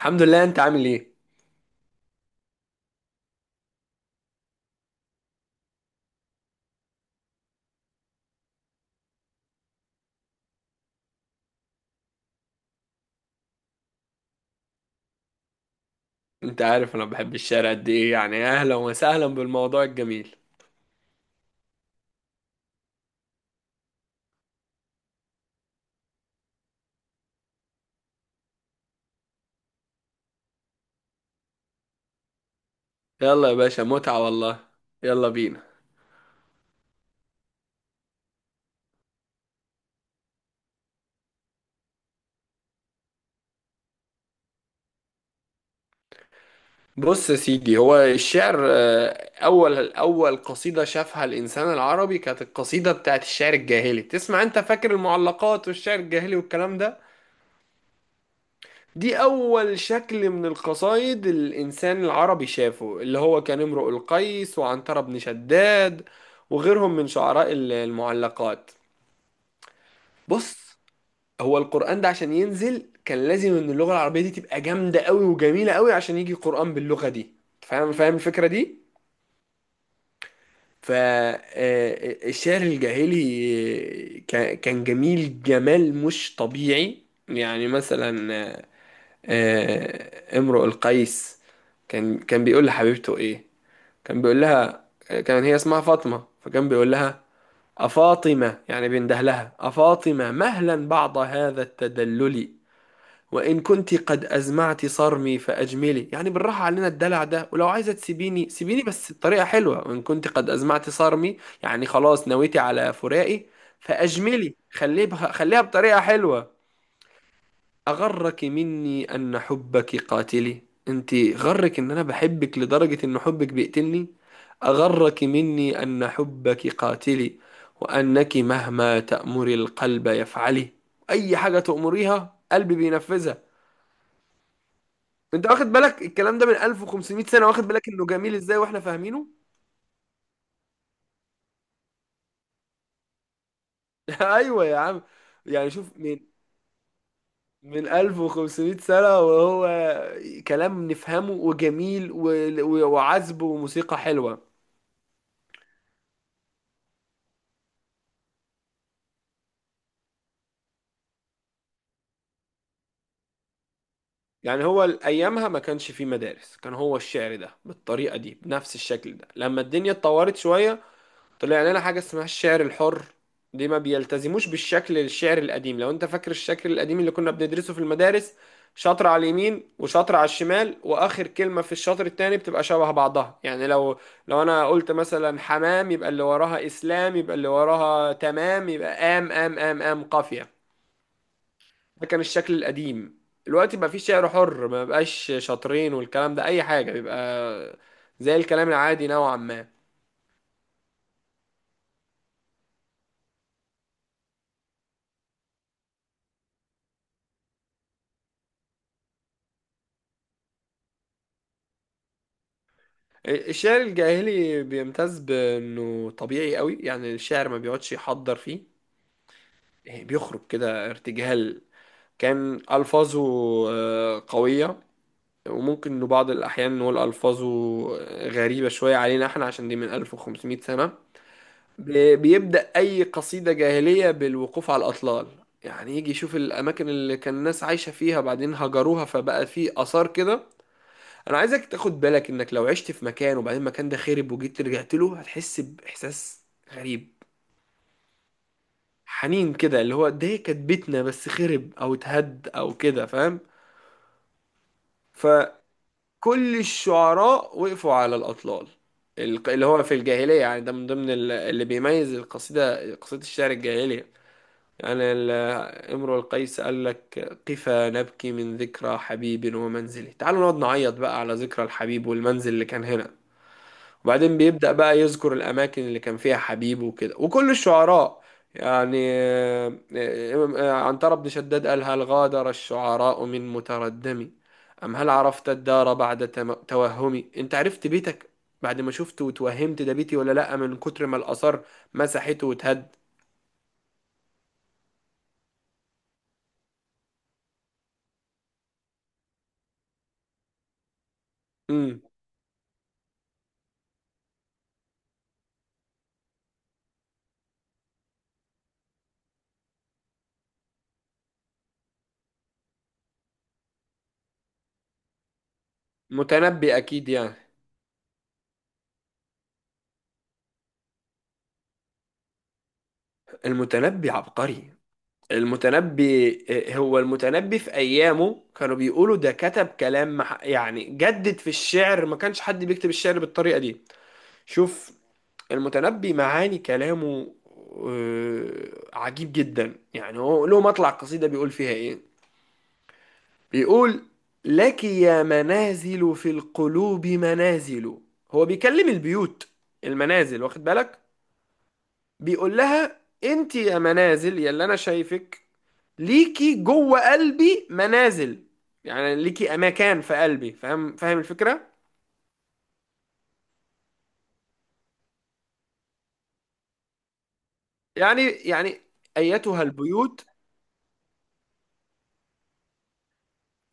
الحمد لله، انت عامل ايه؟ انت عارف انا بحب الشارع قد ايه، يعني اهلا وسهلا بالموضوع الجميل. يلا يا باشا، متعة والله. يلا بينا. بص يا سيدي، هو الشعر اول اول قصيدة شافها الانسان العربي كانت القصيدة بتاعت الشعر الجاهلي. تسمع؟ انت فاكر المعلقات والشعر الجاهلي والكلام ده؟ دي اول شكل من القصايد الانسان العربي شافه، اللي هو كان امرؤ القيس وعنترة بن شداد وغيرهم من شعراء المعلقات. بص، هو القرآن ده عشان ينزل كان لازم ان اللغة العربية دي تبقى جامدة قوي وجميلة قوي عشان يجي قرآن باللغة دي. فاهم فاهم الفكرة دي؟ فالشعر الجاهلي كان جميل جمال مش طبيعي. يعني مثلا امرؤ القيس كان بيقول لحبيبته ايه. كان بيقول لها، كان هي اسمها فاطمة، فكان بيقول لها أفاطمة، يعني بينده لها، أفاطمة مهلا بعد هذا التدلل وإن كنت قد أزمعت صرمي فأجملي. يعني بالراحة علينا الدلع ده، ولو عايزة تسيبيني سيبيني بس بطريقة حلوة. وإن كنت قد أزمعت صرمي، يعني خلاص نويتي على فراقي، فأجملي خليه بها خليها بطريقة حلوة. أغرك مني أن حبك قاتلي، أنت غرك إن أنا بحبك لدرجة إن حبك بيقتلني. أغرك مني أن حبك قاتلي وأنك مهما تأمري القلب يفعلي، أي حاجة تأمريها قلبي بينفذها. انت واخد بالك الكلام ده من 1500 سنة؟ واخد بالك انه جميل ازاي واحنا فاهمينه؟ ايوه يا عم. يعني شوف، من 1500 سنة وهو كلام نفهمه وجميل وعذب وموسيقى حلوة. يعني هو ايامها ما كانش فيه مدارس، كان هو الشعر ده بالطريقة دي بنفس الشكل ده. لما الدنيا اتطورت شوية طلع لنا حاجة اسمها الشعر الحر، دي ما بيلتزموش بالشكل الشعر القديم. لو انت فاكر الشكل القديم اللي كنا بندرسه في المدارس، شطر على اليمين وشطر على الشمال، واخر كلمة في الشطر التاني بتبقى شبه بعضها. يعني لو انا قلت مثلا حمام يبقى اللي وراها اسلام، يبقى اللي وراها تمام، يبقى ام ام ام ام قافية. ده كان الشكل القديم. دلوقتي بقى في شعر حر ما بقاش شطرين والكلام ده، اي حاجة بيبقى زي الكلام العادي نوعا ما. الشعر الجاهلي بيمتاز بانه طبيعي قوي، يعني الشاعر ما بيقعدش يحضر فيه، يعني بيخرج كده ارتجال. كان الفاظه قويه، وممكن انه بعض الاحيان نقول الفاظه غريبه شويه علينا احنا عشان دي من 1500 سنه. بيبدا اي قصيده جاهليه بالوقوف على الاطلال، يعني يجي يشوف الاماكن اللي كان الناس عايشه فيها بعدين هجروها فبقى في اثار كده. انا عايزك تاخد بالك انك لو عشت في مكان وبعدين المكان ده خرب وجيت رجعت له هتحس باحساس غريب، حنين كده، اللي هو ده كانت بيتنا بس خرب او اتهد او كده. فاهم؟ فكل الشعراء وقفوا على الاطلال، اللي هو في الجاهليه، يعني ده من ضمن اللي بيميز القصيده، قصيده الشعر الجاهليه. يعني امرؤ القيس قال لك قفا نبكي من ذكرى حبيب ومنزله، تعالوا نقعد نعيط بقى على ذكرى الحبيب والمنزل اللي كان هنا. وبعدين بيبدأ بقى يذكر الأماكن اللي كان فيها حبيبه وكده. وكل الشعراء، يعني عنترة بن شداد قال هل غادر الشعراء من متردمي أم هل عرفت الدار بعد توهمي. أنت عرفت بيتك بعد ما شفته وتوهمت ده بيتي ولا لأ من كتر ما الآثار مسحته وتهد. مم. متنبي أكيد يعني. المتنبي عبقري. المتنبي هو المتنبي، في أيامه كانوا بيقولوا ده كتب كلام يعني جدد في الشعر. ما كانش حد بيكتب الشعر بالطريقة دي. شوف، المتنبي معاني كلامه عجيب جدا. يعني هو له مطلع قصيدة بيقول فيها إيه؟ بيقول لك يا منازل في القلوب منازل، هو بيكلم البيوت المنازل، واخد بالك؟ بيقول لها انت يا منازل يا اللي انا شايفك، ليكي جوه قلبي منازل، يعني ليكي اماكن في قلبي. فاهم فاهم الفكره؟ يعني ايتها البيوت.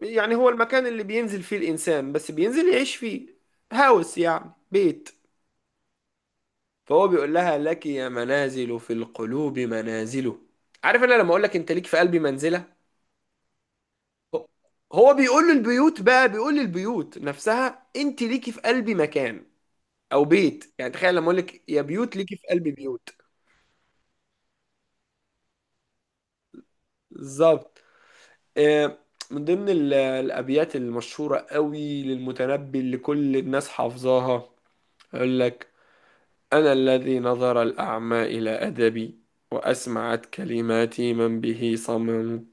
يعني هو المكان اللي بينزل فيه الانسان، بس بينزل يعيش فيه. هاوس يعني بيت. فهو بيقول لها لك يا منازل في القلوب منازله. عارف انا لما اقول لك انت ليك في قلبي منزله؟ هو هو بيقول للبيوت بقى، بيقول للبيوت نفسها انت ليكي في قلبي مكان او بيت. يعني تخيل لما اقول لك يا بيوت ليكي في قلبي بيوت. بالظبط. آه، من ضمن الأبيات المشهورة قوي للمتنبي اللي كل الناس حافظاها، يقول لك أنا الذي نظر الأعمى إلى أدبي وأسمعت كلماتي من به صمم،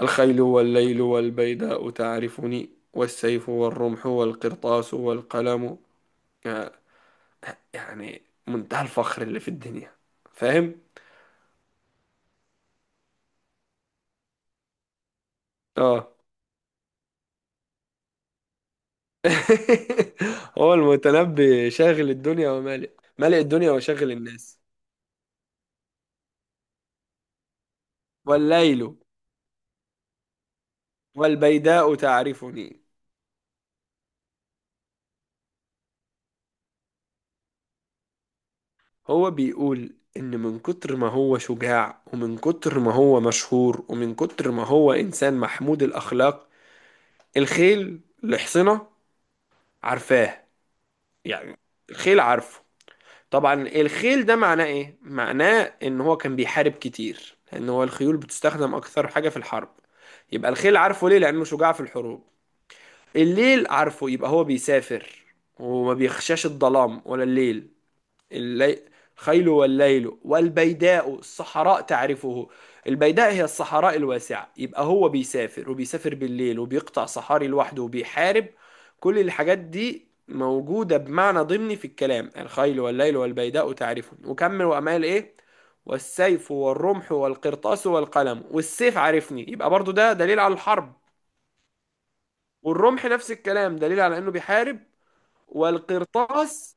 الخيل والليل والبيداء تعرفني والسيف والرمح والقرطاس والقلم. آه، يعني منتهى الفخر اللي في الدنيا. فاهم؟ اه. هو المتنبي شاغل الدنيا ومالئ، مالئ الدنيا وشاغل الناس. والليل والبيداء تعرفني. هو بيقول إن من كتر ما هو شجاع ومن كتر ما هو مشهور ومن كتر ما هو إنسان محمود الأخلاق، الخيل اللي حصنه عارفاه. يعني الخيل عارفه. طبعا الخيل ده معناه إيه؟ معناه إن هو كان بيحارب كتير لأن هو الخيول بتستخدم أكثر حاجة في الحرب. يبقى الخيل عارفه ليه؟ لأنه شجاع في الحروب. الليل عارفه يبقى هو بيسافر وما بيخشاش الظلام ولا الليل. اللي... خيل والليل والبيداء الصحراء تعرفه. البيداء هي الصحراء الواسعة، يبقى هو بيسافر وبيسافر بالليل وبيقطع صحاري لوحده وبيحارب. كل الحاجات دي موجودة بمعنى ضمني في الكلام، الخيل والليل والبيداء تعرفه، وكمل، وأمال إيه؟ والسيف والرمح والقرطاس والقلم، والسيف عارفني، يبقى برضو ده دليل على الحرب. والرمح نفس الكلام دليل على إنه بيحارب. والقرطاس.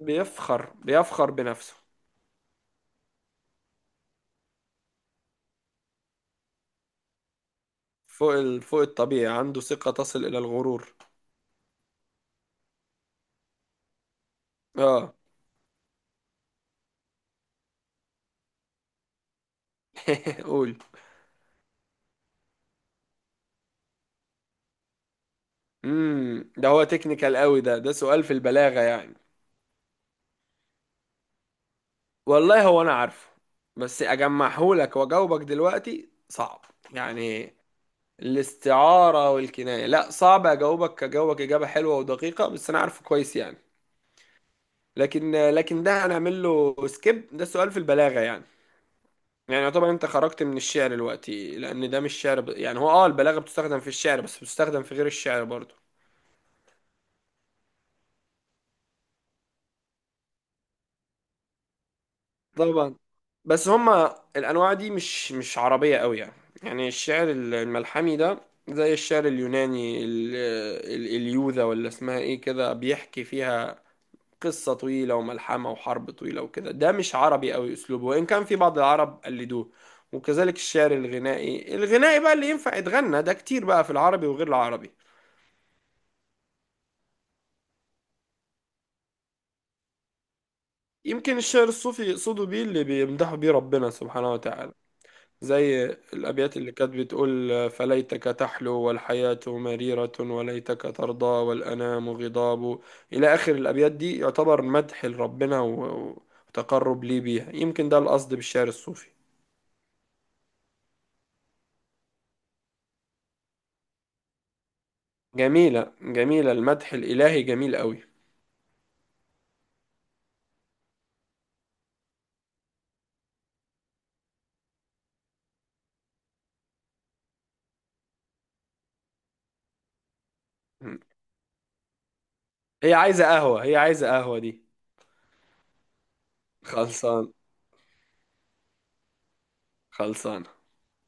بيفخر بيفخر بنفسه فوق فوق الطبيعي، عنده ثقة تصل إلى الغرور. اه. قول. ده هو تكنيكال قوي، ده سؤال في البلاغة يعني. والله هو انا عارفه بس اجمعهولك واجاوبك دلوقتي صعب. يعني الاستعارة والكناية، لا صعب اجاوبك اجابة حلوة ودقيقة، بس انا عارفه كويس يعني. لكن ده هنعمل له سكيب، ده سؤال في البلاغة يعني. يعني يعتبر انت خرجت من الشعر دلوقتي لان ده مش شعر يعني، هو اه البلاغة بتستخدم في الشعر بس بتستخدم في غير الشعر برضه. طبعا. بس هما الانواع دي مش عربيه قوي يعني. يعني الشعر الملحمي ده زي الشعر اليوناني اليوذا ولا اسمها ايه كده، بيحكي فيها قصه طويله وملحمه وحرب طويله وكده. ده مش عربي قوي اسلوبه، وان كان في بعض العرب قلدوه. وكذلك الشعر الغنائي، الغنائي بقى اللي ينفع يتغنى، ده كتير بقى في العربي وغير العربي. يمكن الشعر الصوفي يقصدوا بيه اللي بيمدحوا بيه ربنا سبحانه وتعالى، زي الأبيات اللي كانت بتقول فليتك تحلو والحياة مريرة وليتك ترضى والأنام غضاب، إلى آخر الأبيات. دي يعتبر مدح لربنا وتقرب ليه بيها. يمكن ده القصد بالشعر الصوفي. جميلة جميلة، المدح الإلهي جميل قوي. هي عايزة قهوة، هي عايزة قهوة دي. خلصان. خلصان.